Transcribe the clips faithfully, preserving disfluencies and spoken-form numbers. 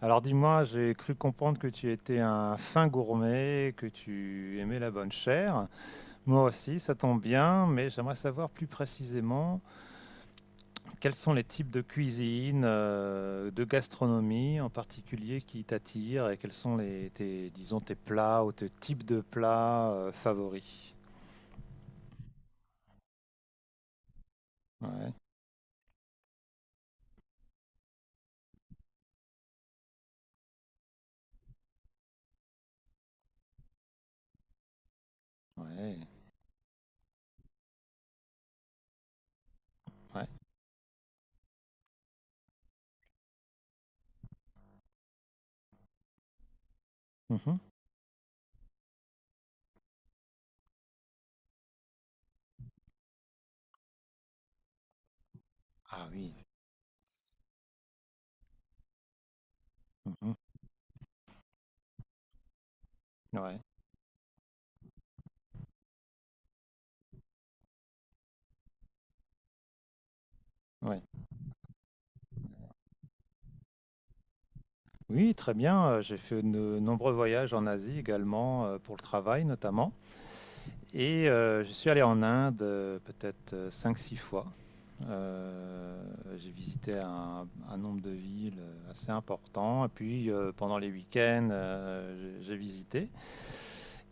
Alors dis-moi, j'ai cru comprendre que tu étais un fin gourmet, que tu aimais la bonne chair. Moi aussi, ça tombe bien, mais j'aimerais savoir plus précisément quels sont les types de cuisine, euh, de gastronomie en particulier qui t'attirent et quels sont les, tes, disons, tes plats ou tes types de plats euh, favoris. Ouais, ouais, ouais. Mhm. Ah oui. Mhm. Ouais, ouais. Oui, très bien. euh, J'ai fait de nombreux voyages en Asie également, euh, pour le travail notamment. Et euh, je suis allé en Inde euh, peut-être euh, cinq six fois. Euh, j'ai visité un, un nombre de villes euh, assez important. Et puis euh, pendant les week-ends, euh, j'ai j'ai visité.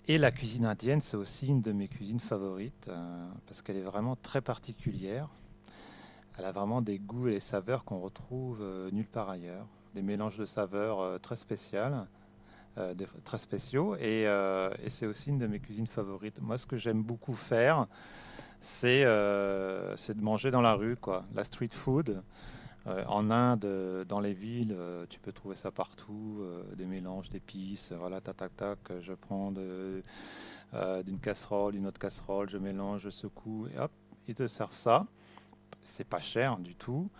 Et la cuisine indienne, c'est aussi une de mes cuisines favorites euh, parce qu'elle est vraiment très particulière. Elle a vraiment des goûts et des saveurs qu'on retrouve euh, nulle part ailleurs. Des mélanges de saveurs euh, très spéciales, euh, des- très spéciaux. Et, euh, et c'est aussi une de mes cuisines favorites. Moi, ce que j'aime beaucoup faire, c'est euh, c'est de manger dans la rue, quoi. La street food, euh, en Inde, euh, dans les villes, euh, tu peux trouver ça partout, euh, des mélanges d'épices, euh, voilà, tac, tac, tac, euh, je prends de- euh, d'une casserole, une autre casserole, je mélange, je secoue, et hop, ils te servent ça. C'est pas cher du tout,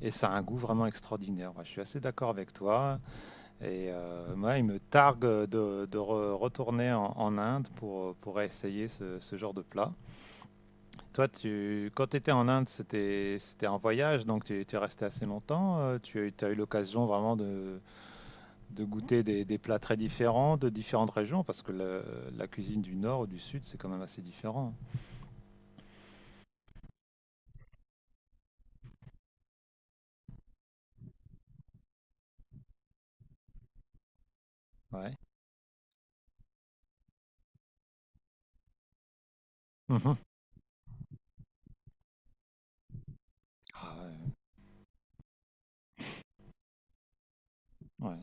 et ça a un goût vraiment extraordinaire. Ouais, je suis assez d'accord avec toi, et euh, moi, il me targue de, de re- retourner en, en Essayer pour, essayer ce, ce genre de plat. Toi, tu, quand tu étais en Inde, c'était c'était un voyage, donc tu, tu es resté assez longtemps. euh, Tu as eu l'occasion vraiment de, de goûter des, des plats très différents de différentes régions, parce que le- la cuisine du nord ou du sud, c'est quand même assez différent. Hein. Ouais. Mhm. Ah, ouais. Ouais.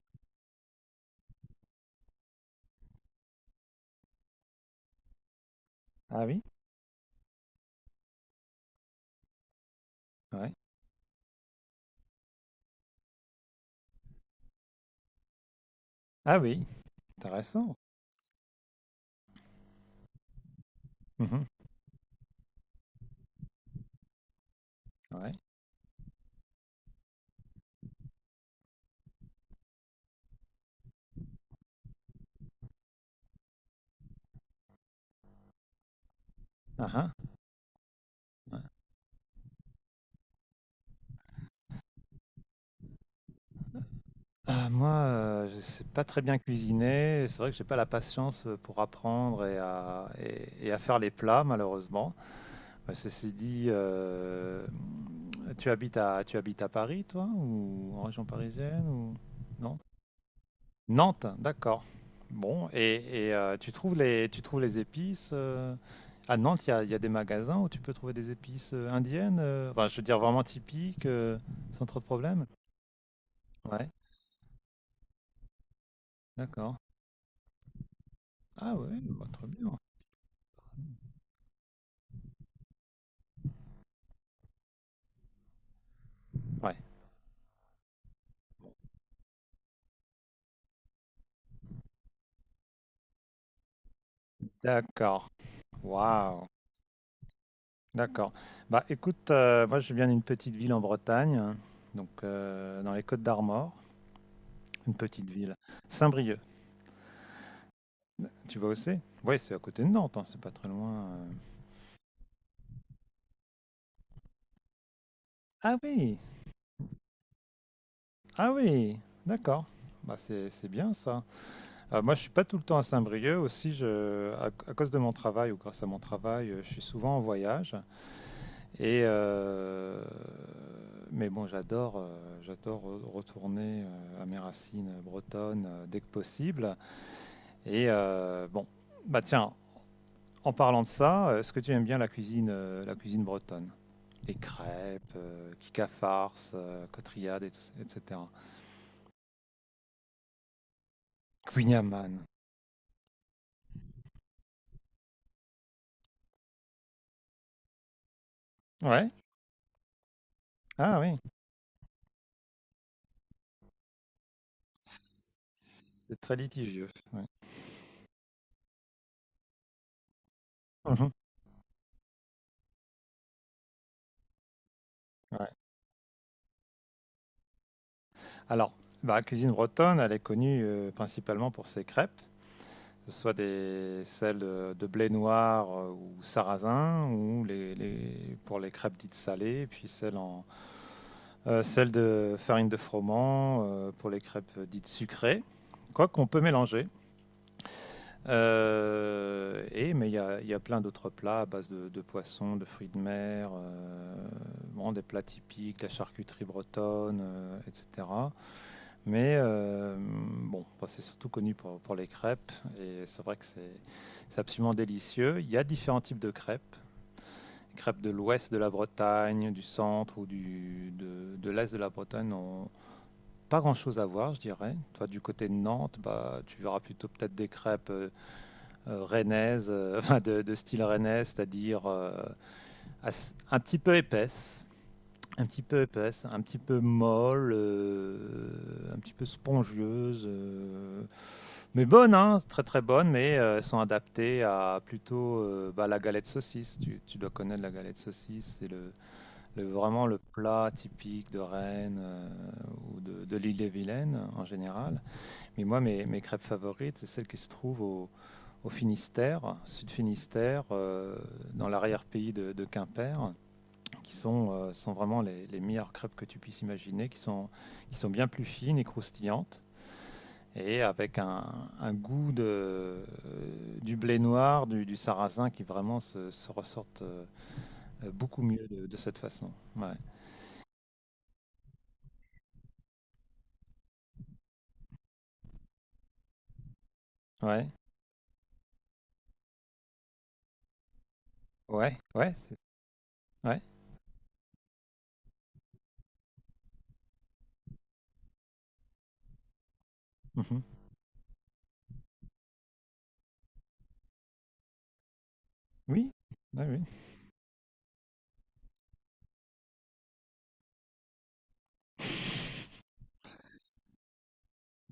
Ah oui? Ouais. Ah oui, intéressant. Mhm. Ouais. Ah, ah. Ah, moi, euh, je sais pas très bien cuisiner. C'est vrai que j'ai pas la patience euh, pour apprendre et à, et- et à faire les plats, malheureusement. Ouais, ceci dit, euh, tu habites à, tu habites à Paris, toi, ou en région parisienne, ou non? Nantes, d'accord. Bon, et, et, euh, tu trouves les, tu trouves les épices euh, à Nantes. Il y a, il y a des magasins où tu peux trouver des épices euh, indiennes. Euh, enfin, je veux dire vraiment typiques, euh, sans trop de problèmes. Ouais, d'accord. Ah ouais, bah, très bien. Ouais, d'accord. Waouh, d'accord. Bah écoute, euh, moi je viens d'une petite ville en Bretagne, hein, donc euh, dans les Côtes d'Armor. Une petite ville. Saint-Brieuc, tu vois où c'est. Oui, c'est à côté de Nantes, hein, c'est pas très loin. Euh. Ah oui, ah oui, d'accord. Bah c'est c'est bien ça. Euh, moi, je suis pas tout le temps à Saint-Brieuc aussi. Je, à, à cause de mon travail ou grâce à mon travail, euh, je suis souvent en voyage. Et euh, mais bon, j'adore, euh, j'adore re- retourner euh, à mes racines bretonnes euh, dès que possible. Et euh, bon, bah tiens, en parlant de ça, euh, est-ce que tu aimes bien la cuisine, euh, la cuisine bretonne? Des crêpes, euh, Kika Farce, euh, Cotriade, et tout- et cetera. Queen. Ouais. Ah oui, c'est très litigieux. Ouais. Mhm. Ouais. Alors, bah, la cuisine bretonne, elle est connue euh, principalement pour ses crêpes, que ce soit des, celles de, de blé noir euh, ou sarrasin, ou les, les- pour les crêpes dites salées, et puis celles, en, euh, celles de farine de froment euh, pour les crêpes dites sucrées. Quoi qu'on peut mélanger. Heu et mais il y a il y a plein d'autres plats à base de de poissons, de fruits de mer, heu, bon des plats typiques, la charcuterie bretonne, heu et cetera. Mais hem, bon, bah, c'est surtout connu pour pour les crêpes et c'est vrai que c'est c'est absolument délicieux. Il y a différents types de crêpes, crêpes de l'ouest de la Bretagne, du centre ou du de de l'est de la Bretagne n'ont pas grand-chose à voir, je dirais. Toi, du côté de Nantes, bah, tu verras plutôt peut-être des crêpes, euh, euh, rennaise, euh, enfin de, de, style rennais, c'est-à-dire euh, as- un petit peu épaisse, un petit peu épaisse, un petit peu molle, euh, un petit peu spongieuse euh, mais bonne, hein, très très bonne, mais euh, elles sont adaptées à plutôt euh, bah, la galette saucisse. Tu, tu, dois connaître la galette saucisse, c'est le, le, vraiment le plat typique de Rennes euh, ou de, de l'île-et-Vilaine en général. Mais moi, mes, mes crêpes favorites, c'est celles qui se trouvent au, au Finistère, Sud Finistère, euh, dans l'arrière-pays de, de Quimper, qui sont, euh, sont vraiment les, les, meilleures crêpes que tu puisses imaginer, qui sont, qui sont bien plus fines et croustillantes, et avec un, un goût de, euh, du blé noir, du, du, sarrasin, qui vraiment se, se ressortent euh, beaucoup mieux de, de, cette façon. Ouais, ouais, ouais, ouais. C'est- ouais. Mmh. Oui, ah oui,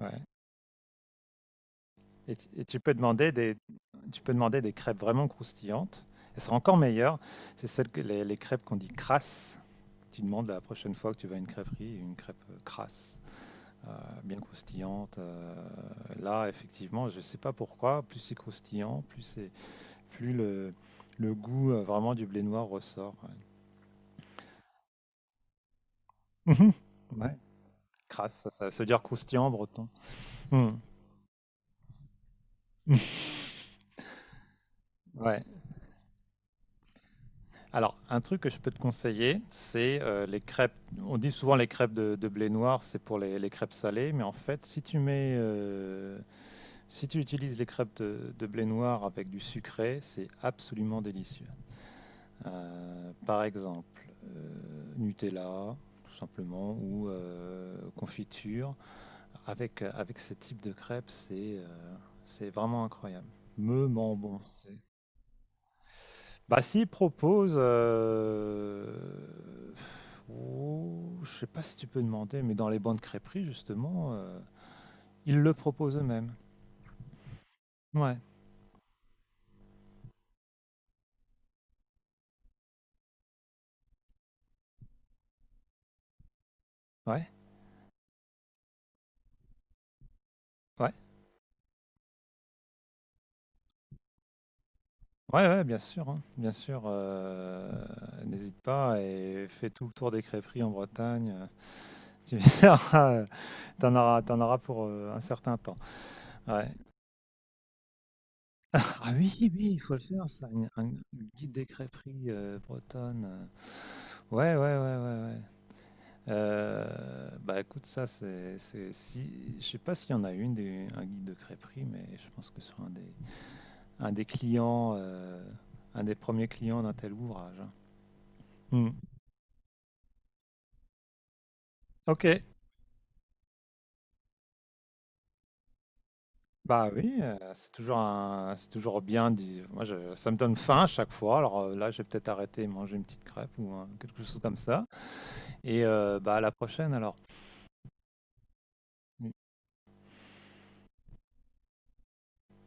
ouais. Et, tu et tu peux demander des, tu peux demander des crêpes vraiment croustillantes. Elles sont encore meilleures. C'est celles que les, les crêpes qu'on dit crasses. Tu demandes la prochaine fois que tu vas à une crêperie, une crêpe euh, crasse, euh, bien croustillante. Euh, là, effectivement, je ne sais pas pourquoi, plus c'est croustillant, plus c'est, plus le, le goût euh, vraiment du blé noir ressort. Ouais. Mhm. Ouais. Crasse, ça, ça veut dire croustillant en breton. Hmm. Ouais. Alors, un truc que je peux te conseiller, c'est euh, les crêpes. On dit souvent les crêpes de, de blé noir, c'est pour les, les crêpes salées, mais en fait, si tu mets, euh, si tu utilises les crêpes de, de blé noir avec du sucré, c'est absolument délicieux. Euh, par exemple, euh, Nutella, tout simplement, ou euh, confiture. Avec, euh, avec ce type de crêpes, c'est euh, c'est vraiment incroyable. Me ment bon. Bah, s'il propose, euh, ouh, je sais pas si tu peux demander, mais dans les bancs de crêperie, justement, euh, ils le proposent eux-mêmes. Ouais, ouais, ouais, ouais, ouais, bien sûr, hein, bien sûr. Euh, n'hésite pas et fais tout le tour des crêperies en Bretagne. euh, Tu verras, euh, t'en auras, t'en auras pour euh, un certain temps. Ouais. Ah oui, oui, il faut le faire, ça, une- un guide des crêperies euh, bretonnes. Euh. Ouais, ouais, ouais, ouais, ouais. Euh, bah écoute, ça c'est, c'est- si, je sais pas s'il y en a une des, un guide de crêperie, mais je pense que c'est un des, un des clients, euh, un des premiers clients d'un tel ouvrage, hein. Hmm. Ok, bah oui, euh, c'est toujours un, c'est toujours bien. dit- Moi, je- ça me donne faim à chaque fois. Alors euh, là, j'ai peut-être arrêté et manger une petite crêpe ou un- quelque chose comme ça. Et euh, bah à la prochaine alors.